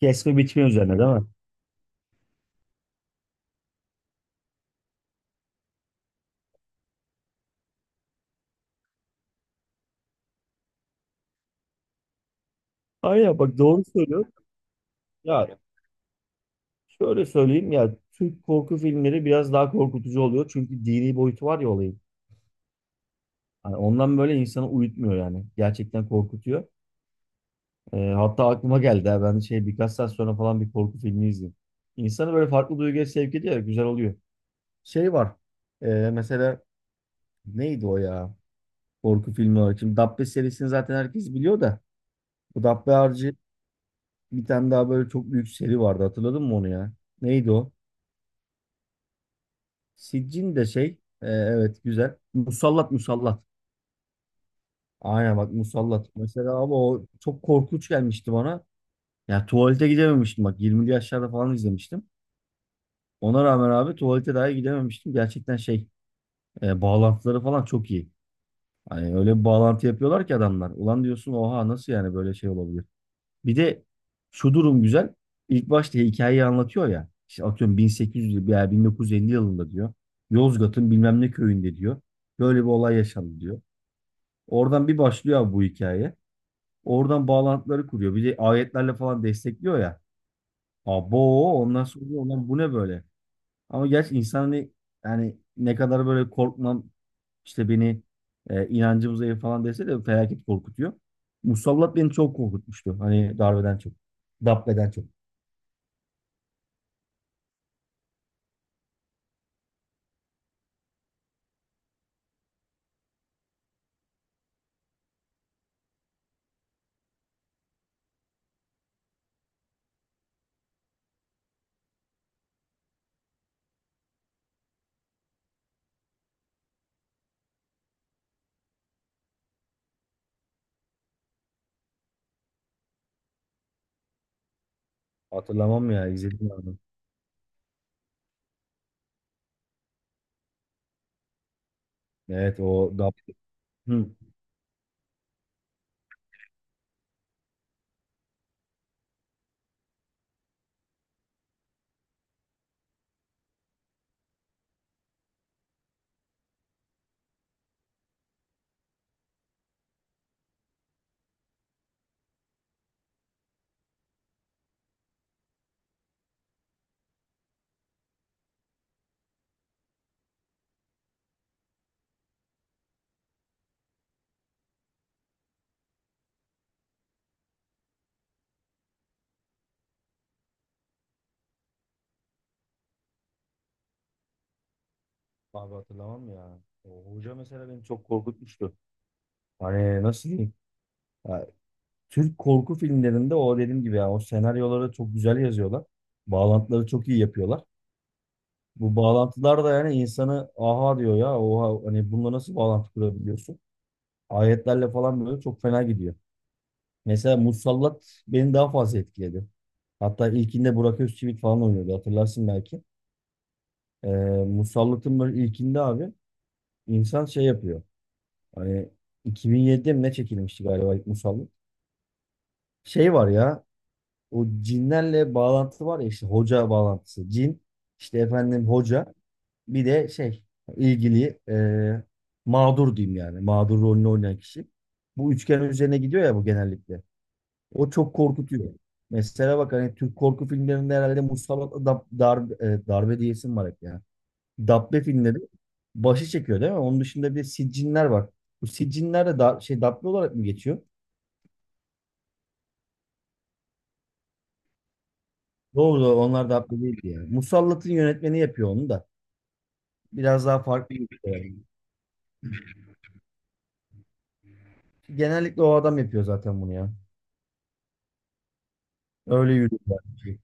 Kesme biçme üzerine değil mi? Aynen bak doğru söylüyorsun. Ya Şöyle söyleyeyim ya, Türk korku filmleri biraz daha korkutucu oluyor. Çünkü dini boyutu var ya olayın. Hani ondan böyle insanı uyutmuyor yani. Gerçekten korkutuyor. Hatta aklıma geldi ha, ben şey birkaç saat sonra falan bir korku filmi izledim. İnsanı böyle farklı duyguya sevk ediyor ya, güzel oluyor. Şey var. Mesela neydi o ya? Korku filmi olarak. Şimdi Dabbe serisini zaten herkes biliyor da. Bu Dabbe harici bir tane daha böyle çok büyük seri vardı. Hatırladın mı onu ya? Neydi o? Siccin de şey, evet, güzel. Musallat, musallat. Aynen bak, musallat. Mesela abi o çok korkunç gelmişti bana. Ya tuvalete gidememiştim bak, 20'li yaşlarda falan izlemiştim. Ona rağmen abi tuvalete dahi gidememiştim. Gerçekten şey, bağlantıları falan çok iyi. Hani öyle bir bağlantı yapıyorlar ki adamlar. Ulan diyorsun, oha nasıl yani, böyle şey olabilir. Bir de şu durum güzel. İlk başta hikayeyi anlatıyor ya. İşte atıyorum 1800 veya 1950 yılında diyor. Yozgat'ın bilmem ne köyünde diyor. Böyle bir olay yaşandı diyor. Oradan bir başlıyor abi bu hikaye. Oradan bağlantıları kuruyor. Bir de ayetlerle falan destekliyor ya. Abo ondan sonra diyor, "Ulan bu ne böyle?" Ama gerçi insan hani, yani ne kadar böyle korkmam, işte beni, inancım zayıf falan dese de felaket korkutuyor. Musallat beni çok korkutmuştu. Hani darbeden çok. Dabbe'den çok. Hatırlamam ya, izledim abi. Evet, o Dabbe. Hı. Abi hatırlamam ya. O hoca mesela beni çok korkutmuştu. Hani nasıl diyeyim? Ya Türk korku filmlerinde o dediğim gibi, yani o senaryoları çok güzel yazıyorlar. Bağlantıları çok iyi yapıyorlar. Bu bağlantılar da yani insanı, aha diyor ya, oha, hani bununla nasıl bağlantı kurabiliyorsun? Ayetlerle falan böyle çok fena gidiyor. Mesela Musallat beni daha fazla etkiledi. Hatta ilkinde Burak Özçivit falan oynuyordu, hatırlarsın belki. Ee, Musallat'ın böyle ilkinde abi insan şey yapıyor. Hani 2007'de mi ne çekilmişti galiba ilk Musallat? Şey var ya, o cinlerle bağlantı var ya, işte hoca bağlantısı. Cin, işte efendim hoca, bir de şey ilgili, mağdur diyeyim, yani mağdur rolünü oynayan kişi. Bu üçgen üzerine gidiyor ya bu genellikle. O çok korkutuyor. Mesela bak, hani Türk korku filmlerinde herhalde Mustafa Dab, darbe, darbe diyesim var hep ya. Dabbe filmleri başı çekiyor değil mi? Onun dışında bir de siccinler var. Bu siccinler de da, şey Dabbe olarak mı geçiyor? Doğru doğru, onlar Dabbe değildi yani. Musallat'ın yönetmeni yapıyor onu da. Biraz daha farklı yürüyor yani. Genellikle o adam yapıyor zaten bunu ya. Öyle yürüyorlar bence.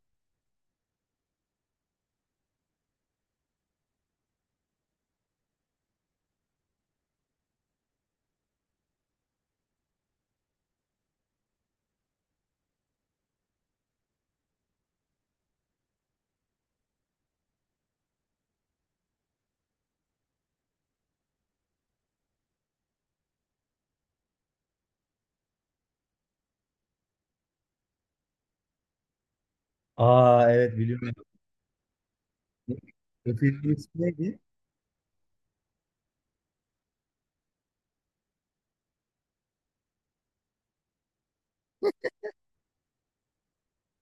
Aa, evet biliyorum. O ismi neydi?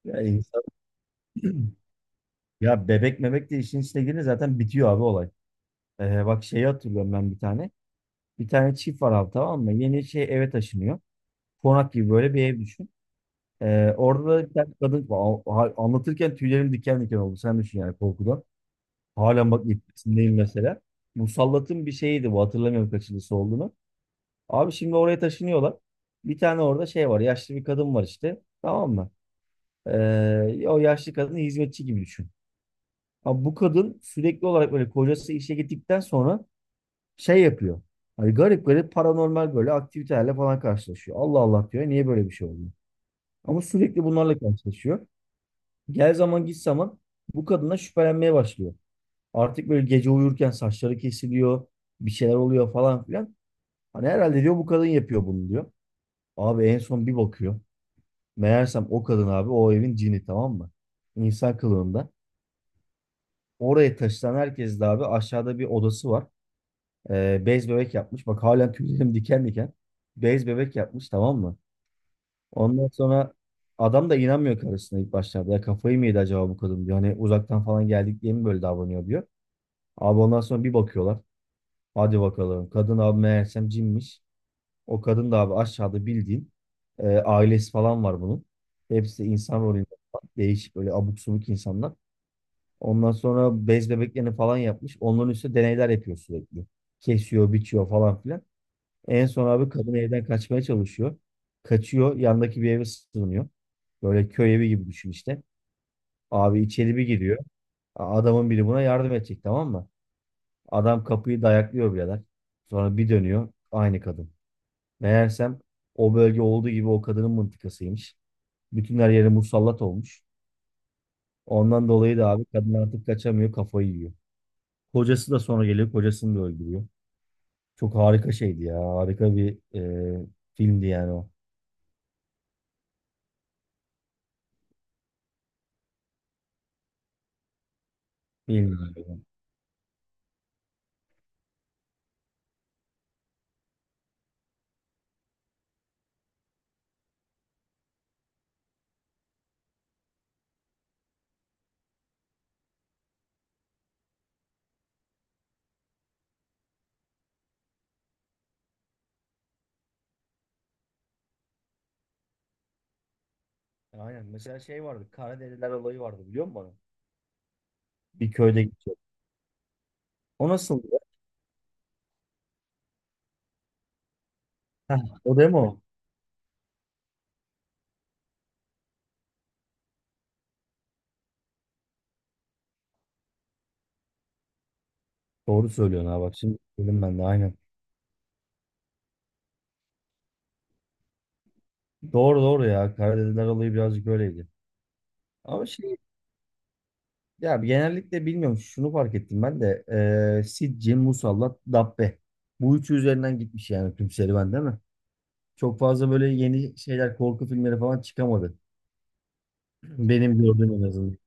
Ya, insan- ya bebek mebek de işin içine girince zaten bitiyor abi olay. Bak şeyi hatırlıyorum ben bir tane. Bir tane çift var abi, tamam mı? Yeni şey eve taşınıyor. Konak gibi böyle bir ev düşün. Orada da bir tane kadın, aa, ha- anlatırken tüylerim diken diken oldu. Sen düşün yani korkudan. Halen bak etkisindeyim mesela. Musallat'ın bir şeyiydi bu, hatırlamıyorum kaçıncısı olduğunu. Abi şimdi oraya taşınıyorlar. Bir tane orada şey var. Yaşlı bir kadın var işte. Tamam mı? O yaşlı kadını hizmetçi gibi düşün. Ama bu kadın sürekli olarak böyle kocası işe gittikten sonra şey yapıyor. Hani garip garip paranormal böyle aktivitelerle falan karşılaşıyor. Allah Allah diyor. Niye böyle bir şey oluyor? Ama sürekli bunlarla karşılaşıyor. Gel zaman git zaman bu kadına şüphelenmeye başlıyor. Artık böyle gece uyurken saçları kesiliyor. Bir şeyler oluyor falan filan. Hani herhalde diyor bu kadın yapıyor bunu diyor. Abi en son bir bakıyor. Meğersem o kadın abi o evin cini, tamam mı? İnsan kılığında. Oraya taşınan herkes de abi, aşağıda bir odası var. Bez bebek yapmış. Bak halen tüylerim diken diken. Bez bebek yapmış, tamam mı? Ondan sonra adam da inanmıyor karısına ilk başlarda. Ya kafayı mı yedi acaba bu kadın diyor. Hani uzaktan falan geldik diye mi böyle davranıyor diyor. Abi ondan sonra bir bakıyorlar. Hadi bakalım. Kadın abi meğersem cinmiş. O kadın da abi aşağıda bildiğin, ailesi falan var bunun. Hepsi insan rolünde falan. Değişik böyle abuk subuk insanlar. Ondan sonra bez bebeklerini falan yapmış. Onların üstüne deneyler yapıyor sürekli. Kesiyor, biçiyor falan filan. En son abi kadın evden kaçmaya çalışıyor. Kaçıyor, yandaki bir eve sığınıyor. Böyle köy evi gibi düşün işte. Abi içeri bir giriyor. A- Adamın biri buna yardım edecek, tamam mı? Adam kapıyı dayaklıyor birader. Sonra bir dönüyor. Aynı kadın. Meğersem o bölge olduğu gibi o kadının mıntıkasıymış. Bütün her yeri musallat olmuş. Ondan dolayı da abi kadın artık kaçamıyor, kafayı yiyor. Kocası da sonra geliyor. Kocasını da öldürüyor. Çok harika şeydi ya. Harika bir filmdi yani o. Filmdi yani. Aynen. Mesela şey vardı. Kara Deliler olayı vardı, biliyor musun onu? Bir köyde geçiyor. O nasıldı? Heh, o değil mi o? Doğru söylüyorsun ha, bak şimdi söyledim ben de, aynen. Doğru doğru ya. Kara Deliler olayı birazcık öyleydi. Ama şey, ya genellikle bilmiyorum şunu fark ettim ben de. Sidci, Musallat, Dabbe. Bu üçü üzerinden gitmiş yani tüm serüven değil mi? Çok fazla böyle yeni şeyler korku filmleri falan çıkamadı. Benim gördüğüm en azından.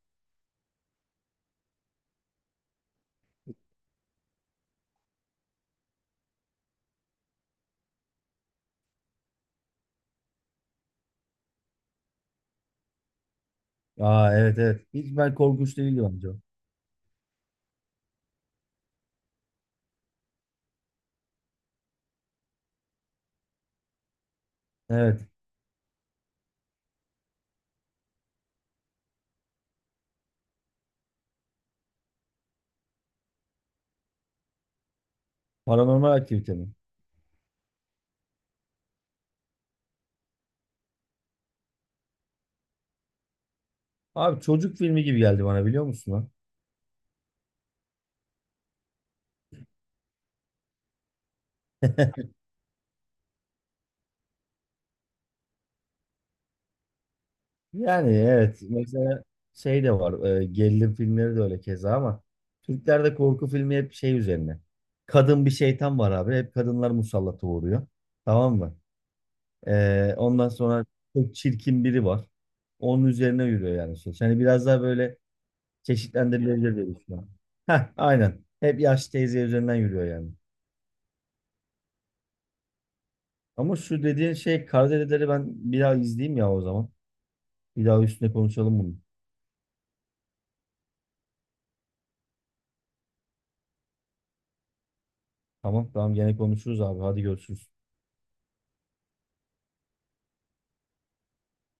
Aa evet, evet. Hiç, ben korkunç değildi bence o. Evet. Paranormal aktivite mi? Abi çocuk filmi gibi geldi bana, biliyor musun lan? Yani evet. Mesela şey de var. Gerilim filmleri de öyle keza ama Türklerde korku filmi hep şey üzerine. Kadın bir şeytan var abi. Hep kadınlar musallata uğruyor. Tamam mı? Ondan sonra çok çirkin biri var. Onun üzerine yürüyor yani. Söz. Yani biraz daha böyle çeşitlendirilebilir diye düşünüyorum. Heh, aynen. Hep yaşlı teyze üzerinden yürüyor yani. Ama şu dediğin şey Karadedeleri ben bir daha izleyeyim ya o zaman. Bir daha üstüne konuşalım bunu. Tamam tamam, gene konuşuruz abi. Hadi görüşürüz.